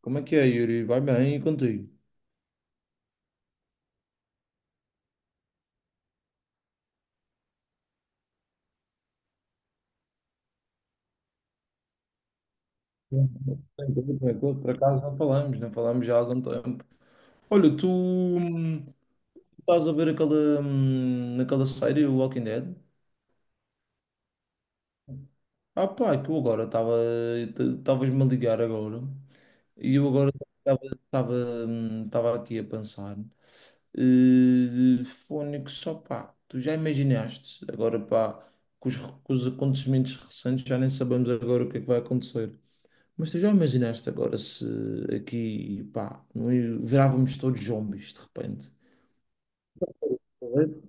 Como é que é, Yuri? Vai bem e contigo? Bem, bem, tranquilo. Por acaso não falamos já há algum tempo. Olha, tu estás a ver aquela, aquela série, o Walking Dead? Ah pá, que eu agora estavas-me a ligar agora, e eu agora estava aqui a pensar, Fónix, só pá, tu já imaginaste, agora pá, com os acontecimentos recentes já nem sabemos agora o que é que vai acontecer. Mas tu já imaginaste agora se aqui, pá, não é, virávamos todos zombies de repente? Correto?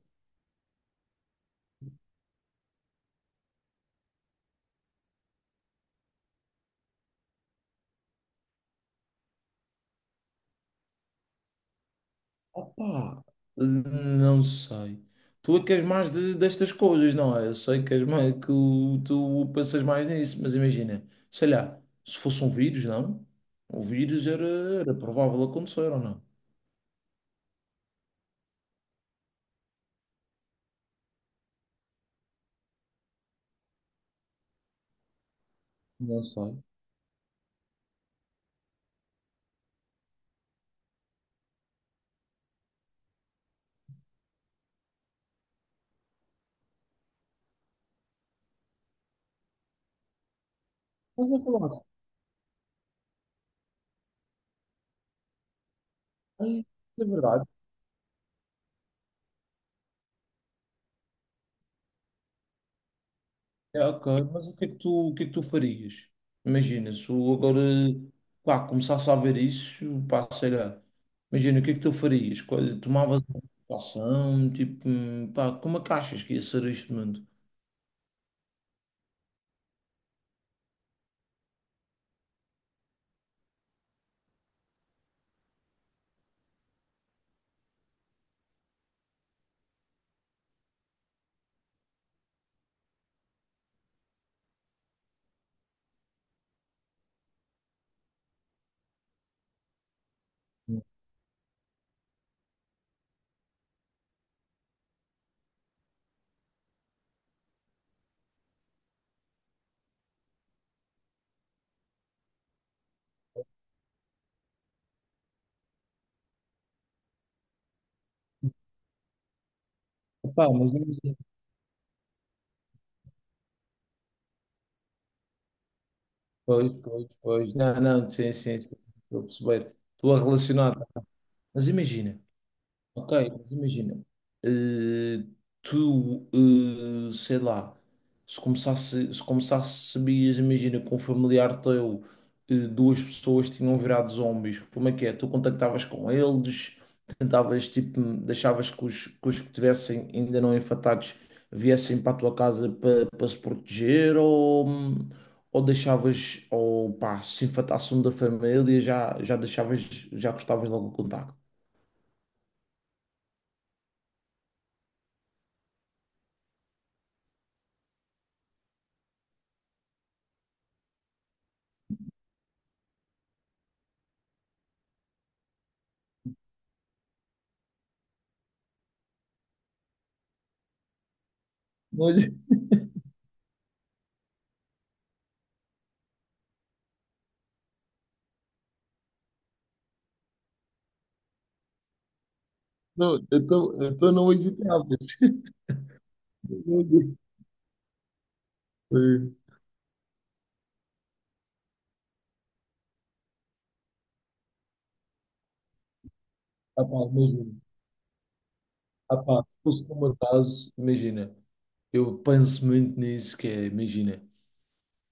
Opa, não sei. Tu é que és mais de, destas coisas, não é? Eu sei que és mais, que o, tu pensas mais nisso, mas imagina, sei lá, se fosse um vírus, não? O vírus era, era provável acontecer ou não? Não sei. Mas eu falasse, é verdade. É, ok, mas o que é que tu farias? Imagina, se eu agora, pá, começasse a ver isso, pá, sei lá. Imagina, o que é que tu farias? Qual, tomavas uma ação, tipo, pá, como é que achas que ia ser este mundo? Pá, mas imagina, pois, pois, pois, não, não, sim, sim, sim, estou a perceber, estou a relacionar. Mas imagina, ok, mas imagina, eh, tu, sei lá, se começasse, sabias, imagina, com um familiar teu, duas pessoas tinham virado zombies, como é que é? Tu contactavas com eles, tentavas, tipo, deixavas os que tivessem ainda não infectados viessem para a tua casa para se proteger, ou deixavas, ou pá, se infectasse um da família, já deixavas, já cortavas logo o contacto. Pois. Não, então, então não hesitavas. Não hesi- Eh, ah, pá, imagina. Ah, pá, se fosse no meu caso, imagina. Eu penso muito nisso, que é, imagina.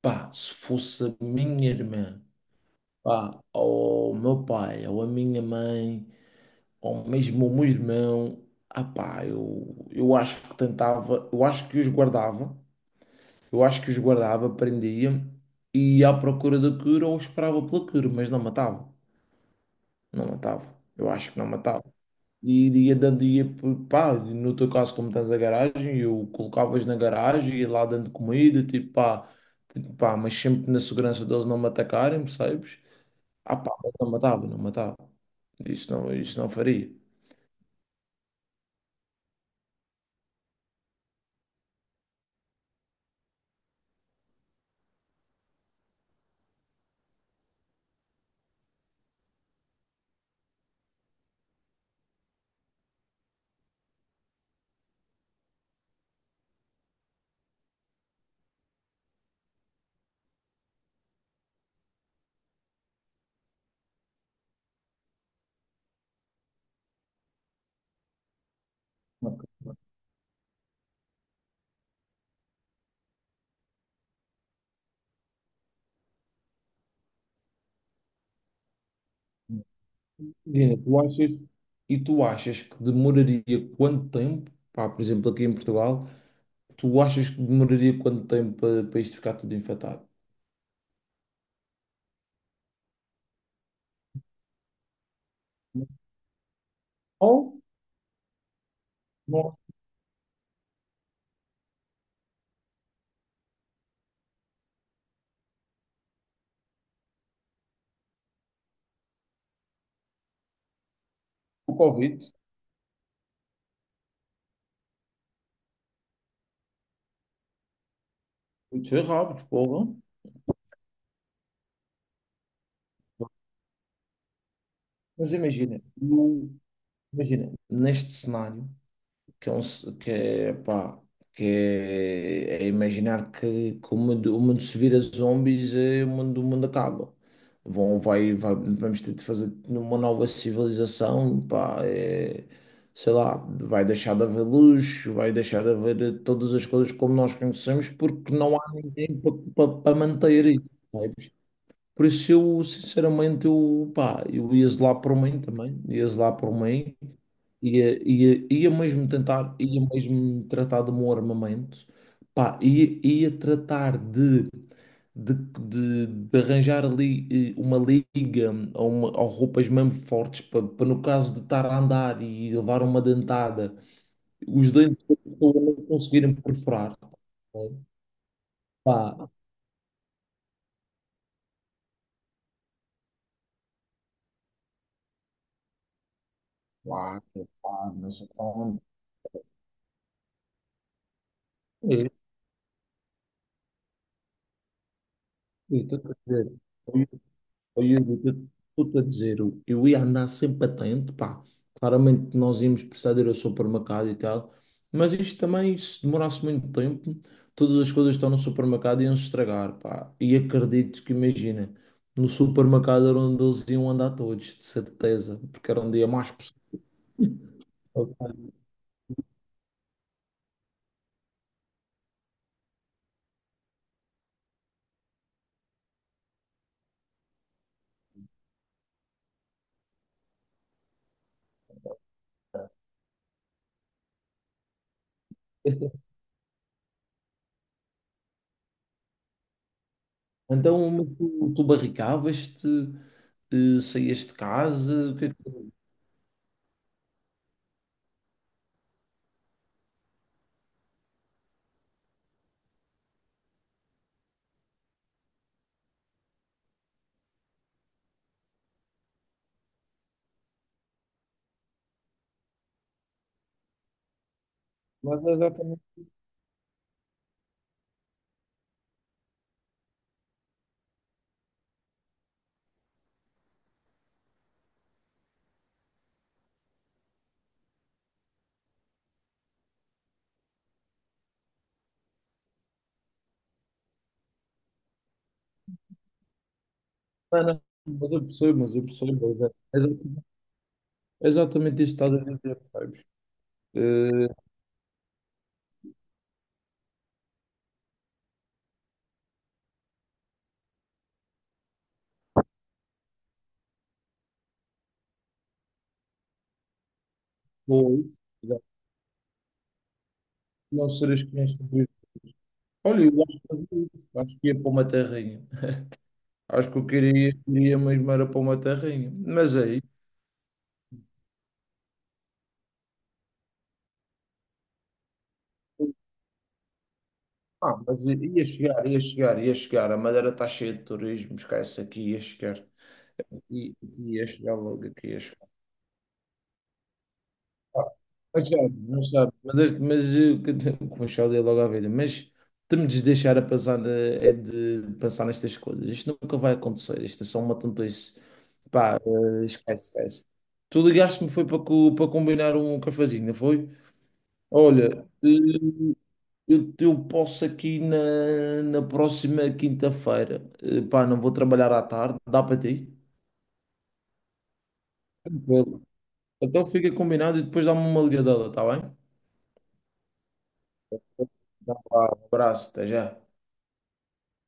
Pá, se fosse a minha irmã, pá, ou o meu pai, ou a minha mãe, ou mesmo o meu irmão, ah, pá, eu acho que tentava, eu acho que os guardava, eu acho que os guardava, prendia, e à procura da cura ou esperava pela cura, mas não matava. Não matava. Eu acho que não matava. E iria dando, ia, pá, no teu caso, como tens a garagem, eu colocavas na garagem e lá dando comida, tipo, pá, mas sempre na segurança deles não me atacarem, percebes? Ah, pá, mas não matava, não matava. Isso não, isso não faria. Ok. Dina, tu achas, e tu achas que demoraria quanto tempo, pá, por exemplo, aqui em Portugal, tu achas que demoraria quanto tempo para isto ficar tudo infectado? Ou não há o Covid? Muito errado, porra. Mas imagina, não, imagina, neste cenário, um ce-, pá, que é, é imaginar que o mundo se vira zombies, é, o mundo acaba. Vão, vai, vai-, vamos ter de fazer uma nova civilização, pá, é, sei lá, vai deixar de haver luz, vai deixar de haver todas as coisas como nós conhecemos, porque não há ninguém para manter isso. Por isso eu, sinceramente, pá, eu ia zelar por mim também, ia zelar por mim, ia mesmo tentar, ia mesmo tratar de um armamento, pá, ia tratar de arranjar ali uma liga ou, uma, ou roupas mesmo fortes para, no caso de estar a andar e levar uma dentada, os dentes da pessoa não conseguirem perfurar. Pá, claro, claro, mas então, eu estou-te a dizer, ó Yuri, eu estou-te a dizer, eu ia andar sempre atento, pá. Claramente nós íamos precisar de ir ao supermercado e tal, mas isto também, se demorasse muito tempo, todas as coisas que estão no supermercado iam se estragar, pá. E acredito que, imagina, no supermercado era onde eles iam andar todos, de certeza, porque era onde ia mais pessoas. Então, mas tu barricavas-te, saías de casa, o que é que... Não, não, mas eu percebo, mas é exatamente, exatamente isto que estás a dizer, sabes? Eh, ou isso, já, não seres que nem sobrevives. Olha, eu acho que fazia isso, acho que ia para uma terrinha. Acho que eu queria, queria mesmo era para uma terrinha. Mas é isso. Ah, mas ia chegar, ia chegar, ia chegar. A Madeira está cheia de turismo, esquece aqui, ia chegar. E ia chegar logo aqui, ah, não sabe, não sabe. Mas, este-, mas que te-, com o Charlie é logo à vida. Mas temos de deixar a pensar, é de pensar nestas coisas. Isto nunca vai acontecer. Isto é só uma tontice. Pá, esquece, esquece. Tu ligaste-me foi para, co-, para combinar um cafezinho, não foi? Olha, eu posso aqui na, na próxima quinta-feira. Eh, pá, não vou trabalhar à tarde. Dá para ti? Tranquilo. Então fica combinado e depois dá-me uma ligadela, tá bem? Então, um abraço, até já.